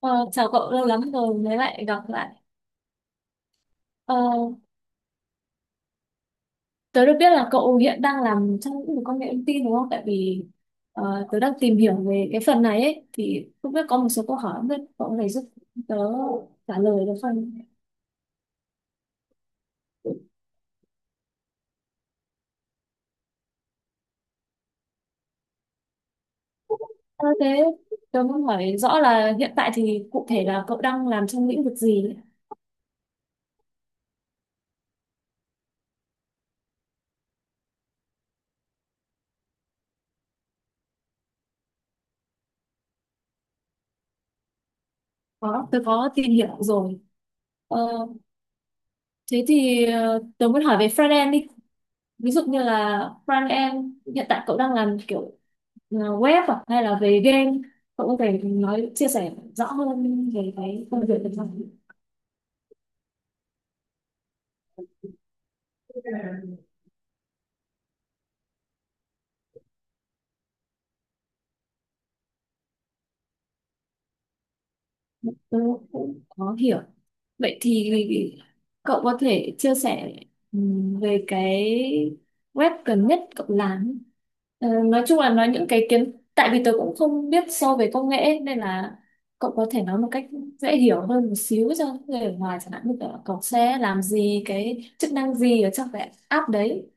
Ờ, chào cậu, lâu lắm rồi mới lại gặp lại. Ờ, tớ được biết là cậu hiện đang làm trong lĩnh vực công nghệ thông tin đúng không? Tại vì tớ đang tìm hiểu về cái phần này ấy, thì không biết có một số câu hỏi, không biết cậu có thể giúp tớ trả lời được không? Ờ, thế tớ muốn hỏi rõ là hiện tại thì cụ thể là cậu đang làm trong lĩnh vực gì ấy? Có, tớ có tìm hiểu rồi. Ờ, thế thì tớ muốn hỏi về front end đi. Ví dụ như là front end hiện tại cậu đang làm kiểu web à? Hay là về game? Cậu có thể nói chia sẻ rõ hơn về cái công việc được không? Tôi cũng có hiểu. Vậy thì cậu có thể chia sẻ về cái web gần nhất cậu làm. Nói chung là nói những cái kiến, tại vì tôi cũng không biết sâu về công nghệ ấy, nên là cậu có thể nói một cách dễ hiểu hơn một xíu cho người ở ngoài, chẳng hạn như kiểu là cậu sẽ làm gì, cái chức năng gì ở trong cái app đấy.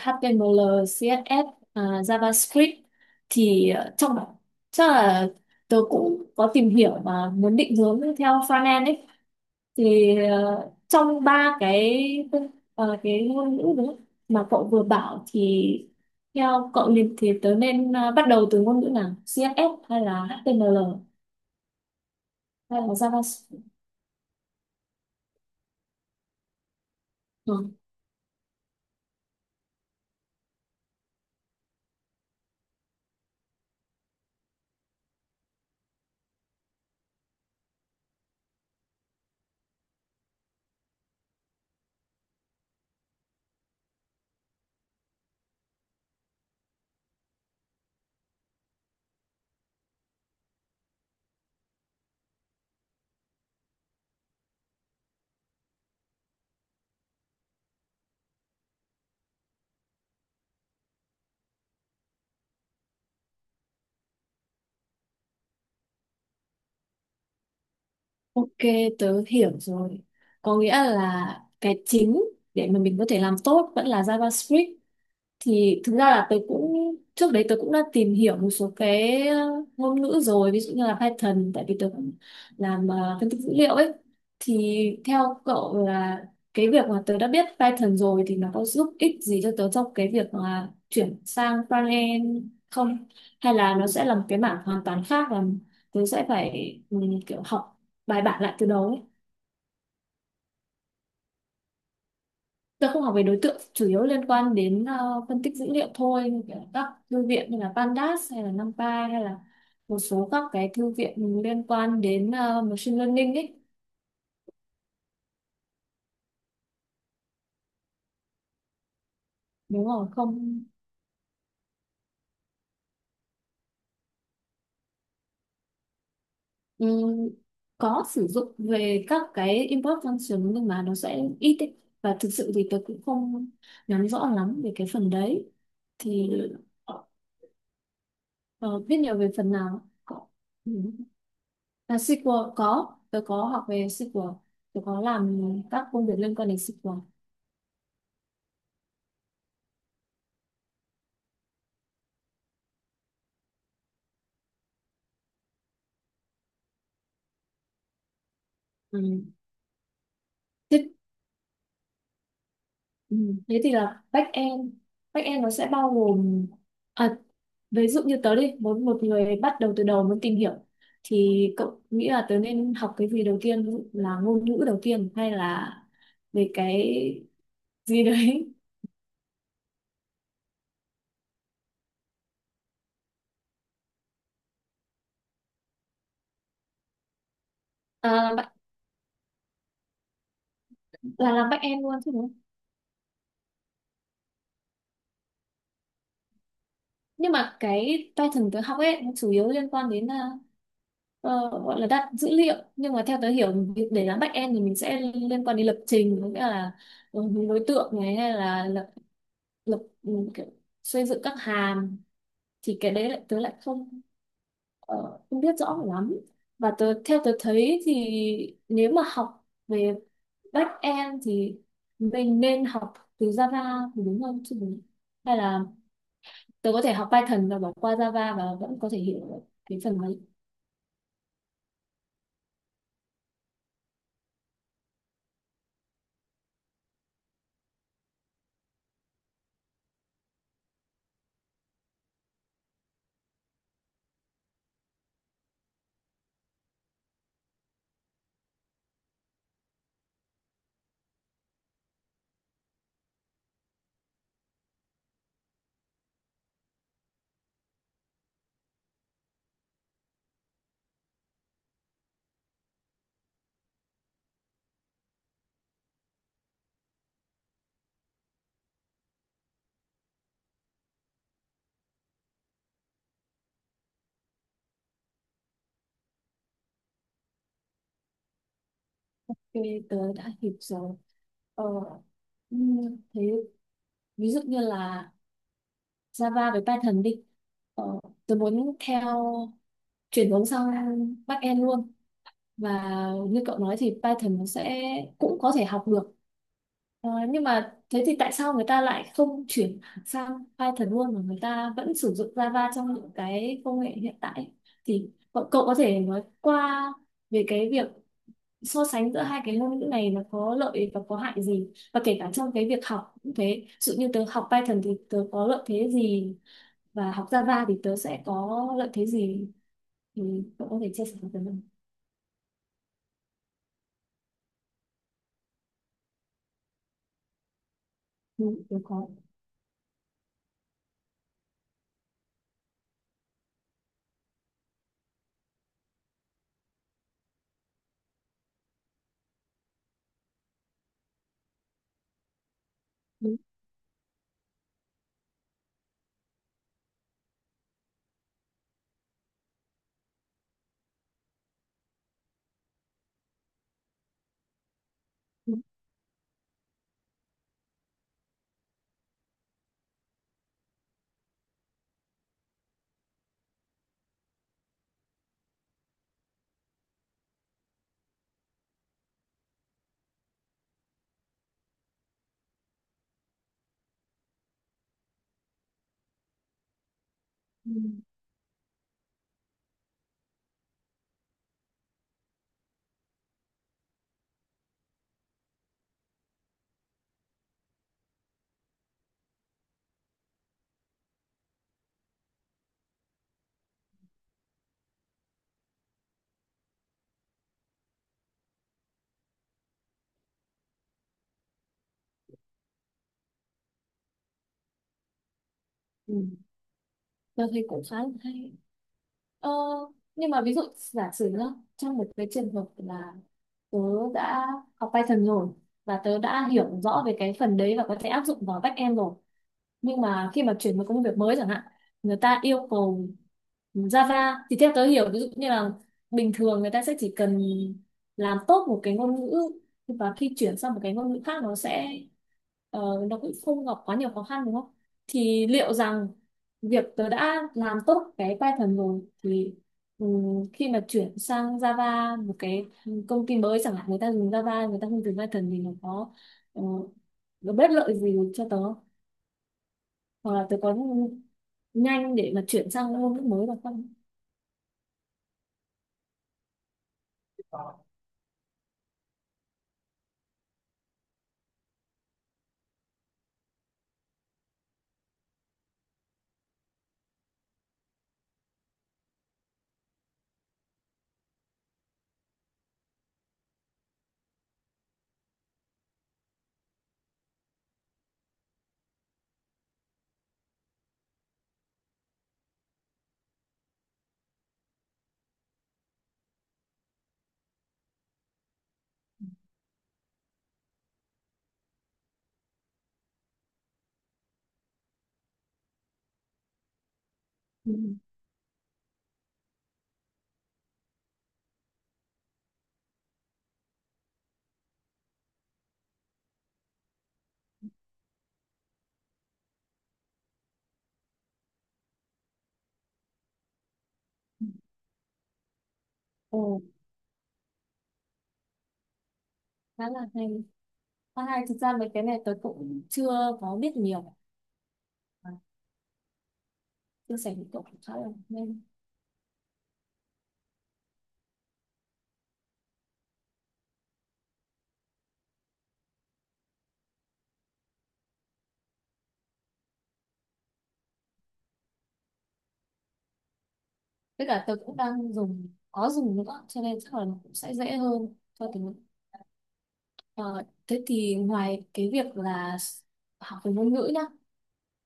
HTML, CSS, à, JavaScript, thì trong, chắc là tớ cũng có tìm hiểu mà muốn định hướng theo frontend ấy, thì trong ba cái cái ngôn ngữ đấy mà cậu vừa bảo, thì theo cậu liền thì tớ nên bắt đầu từ ngôn ngữ nào, CSS hay là HTML hay là JavaScript? Ờ, ok, tớ hiểu rồi, có nghĩa là cái chính để mà mình có thể làm tốt vẫn là JavaScript. Thì thực ra là tôi cũng, trước đấy tôi cũng đã tìm hiểu một số cái ngôn ngữ rồi, ví dụ như là Python, tại vì tôi cũng làm phân tích dữ liệu ấy. Thì theo cậu là cái việc mà tôi đã biết Python rồi thì nó có giúp ích gì cho tớ trong cái việc mà chuyển sang frontend không, hay là nó sẽ là một cái mảng hoàn toàn khác và tớ sẽ phải kiểu học bài bản lại từ đầu? Tôi không học về đối tượng, chủ yếu liên quan đến phân tích dữ liệu thôi, như kiểu các thư viện như là Pandas hay là NumPy, hay là một số các cái thư viện liên quan đến machine learning ấy. Đúng rồi, không ừm, có sử dụng về các cái import function nhưng mà nó sẽ ít ấy. Và thực sự thì tôi cũng không nắm rõ lắm về cái phần đấy. Thì ờ, biết nhiều về phần nào? Ừ. Là SQL có, tôi có học về SQL, tôi có làm các công việc liên quan đến SQL. Ừ. Thế, ừ, thế thì là back end, back end nó sẽ bao gồm à, ví dụ như tớ đi, muốn một người bắt đầu từ đầu muốn tìm hiểu, thì cậu nghĩ là tớ nên học cái gì đầu tiên, ví dụ là ngôn ngữ đầu tiên hay là về cái gì đấy? à, bạn- là làm back end luôn chứ, đúng? Nhưng mà cái Python tớ học ấy nó chủ yếu liên quan đến gọi là đặt dữ liệu, nhưng mà theo tớ hiểu việc để làm backend thì mình sẽ liên quan đến lập trình, có nghĩa là ừ, đối tượng này, hay là lập lập ừ, kiểu, xây dựng các hàm, thì cái đấy lại tớ lại không không biết rõ lắm. Và tớ, theo tớ thấy thì nếu mà học về backend thì mình nên học từ Java thì đúng không, chứ hay là tớ có thể học Python và bỏ qua Java và vẫn có thể hiểu được cái phần đấy? Cho nên tớ đã hiểu rồi. ờ, ừm, Thế ví dụ như là Java với Python đi, ờ, tớ muốn theo, chuyển hướng sang backend luôn, và như cậu nói thì Python nó sẽ cũng có thể học được. Nhưng mà thế thì tại sao người ta lại không chuyển sang Python luôn mà người ta vẫn sử dụng Java trong những cái công nghệ hiện tại? Thì cậu, có thể nói qua về cái việc so sánh giữa hai cái ngôn ngữ này nó có lợi và có hại gì, và kể cả trong cái việc học cũng thế, ví dụ như tớ học Python thì tớ có lợi thế gì và học Java thì tớ sẽ có lợi thế gì, thì cậu có thể chia sẻ với tớ không? Ừ, tớ có. Ừ, ừ, ừ, ừ. Tớ thấy cũng khá là hay. ờ, nhưng mà ví dụ giả sử nhá, trong một cái trường hợp là tớ đã học Python rồi và tớ đã hiểu rõ về cái phần đấy và có thể áp dụng vào backend rồi, nhưng mà khi mà chuyển một công việc mới chẳng hạn, người ta yêu cầu Java, thì theo tớ hiểu ví dụ như là bình thường người ta sẽ chỉ cần làm tốt một cái ngôn ngữ, và khi chuyển sang một cái ngôn ngữ khác nó sẽ ờ, nó cũng không gặp quá nhiều khó khăn đúng không? Thì liệu rằng việc tớ đã làm tốt cái Python rồi thì khi mà chuyển sang Java, một cái công ty mới chẳng hạn, người ta dùng Java, người ta không dùng Python, thì nó có ờ, nó bất lợi gì cho tớ, hoặc là tôi có nhanh để mà chuyển sang ngôn ngữ mới được không? Ừ. Ồ, khá là hay, khá hay, thực ra mấy cái này tôi cũng chưa có biết nhiều. à, Chia sẻ với cậu cũng khá là nên. Tất cả tôi cũng đang dùng có dùng nữa, cho nên chắc là nó cũng sẽ dễ hơn cho tiếng Anh. Ờ, thế thì ngoài cái việc là học về ngôn ngữ nhá,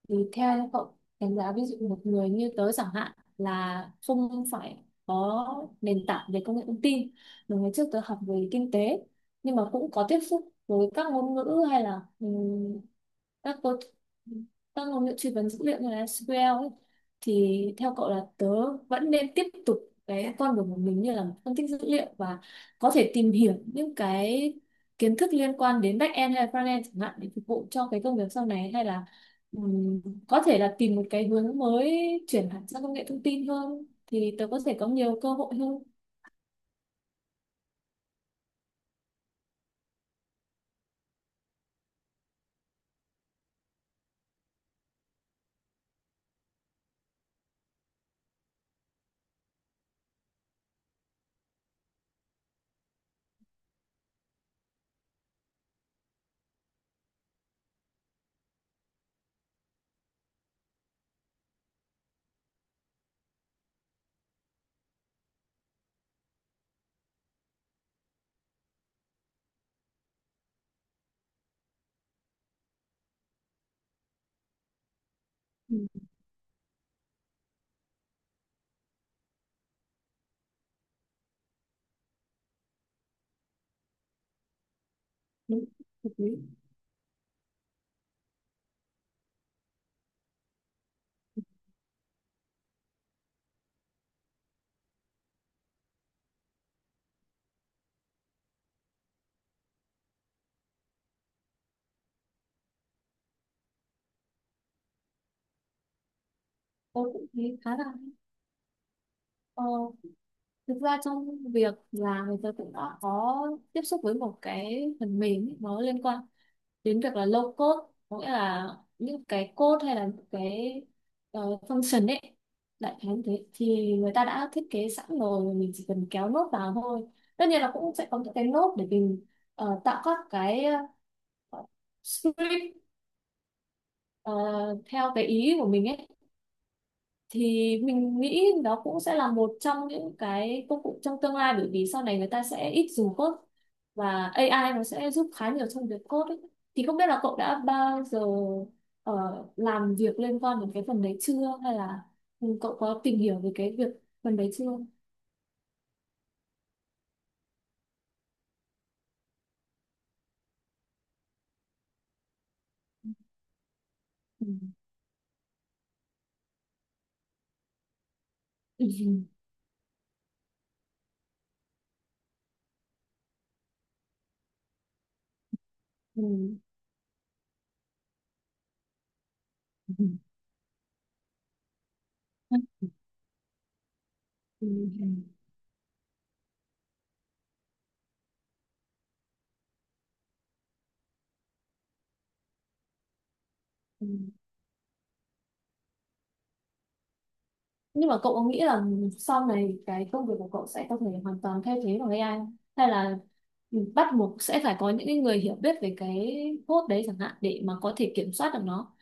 tùy theo nha, cậu đánh giá ví dụ một người như tớ chẳng hạn, là không phải có nền tảng về công nghệ thông tin, mà ngày trước tớ học về kinh tế, nhưng mà cũng có tiếp xúc với các ngôn ngữ, hay là các các ngôn ngữ truy vấn dữ liệu như là SQL ấy, thì theo cậu là tớ vẫn nên tiếp tục cái con đường của mình như là phân tích dữ liệu và có thể tìm hiểu những cái kiến thức liên quan đến back end hay front end chẳng hạn để phục vụ cho cái công việc sau này, hay là Ừm, có thể là tìm một cái hướng mới, chuyển hẳn sang công nghệ thông tin hơn thì tớ có thể có nhiều cơ hội hơn? Ừ, đúng, hợp lý. Tôi cũng thấy khá là hay. ờ, Thực ra trong việc làm thì tớ cũng đã có tiếp xúc với một cái phần mềm ấy, nó liên quan đến việc là low code, có nghĩa là những cái code hay là những cái ờ, function ấy, đại khái như thế thì người ta đã thiết kế sẵn rồi và mình chỉ cần kéo nốt vào thôi. Tất nhiên là cũng sẽ có những cái nốt để mình tạo các cái ờ, script ờ, theo cái ý của mình ấy. Thì mình nghĩ đó cũng sẽ là một trong những cái công cụ trong tương lai, bởi vì sau này người ta sẽ ít dùng code và AI nó sẽ giúp khá nhiều trong việc code ấy. Thì không biết là cậu đã bao giờ ờ, làm việc liên quan đến cái phần đấy chưa, hay là cậu có tìm hiểu về cái việc, phần đấy chưa? Ừ. Ừ. Ừ. Ừ. Ừ. Ừ. Nhưng mà cậu có nghĩ là sau này cái công việc của cậu sẽ có thể hoàn toàn thay thế bằng AI không? Hay là bắt buộc sẽ phải có những cái người hiểu biết về cái code đấy chẳng hạn để mà có thể kiểm soát được nó?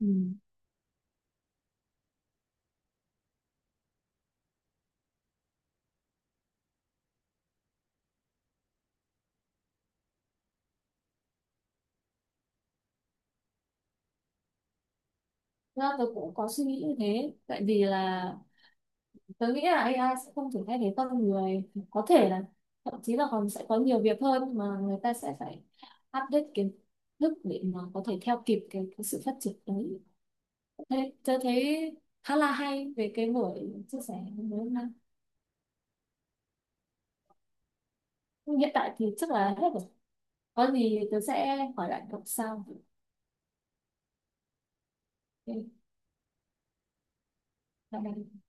Ừ. Thực ra tôi cũng có suy nghĩ như thế, tại vì là tôi nghĩ là AI sẽ không thể thay thế con người, có thể là thậm chí là còn sẽ có nhiều việc hơn mà người ta sẽ phải update kiến thức để mà có thể theo kịp cái sự phát triển đấy. Thế tôi thấy khá là hay về cái buổi chia sẻ ngày hôm nay. Hiện tại thì chắc là hết rồi, có gì tớ sẽ hỏi lại cậu sau. Ok, bye bye.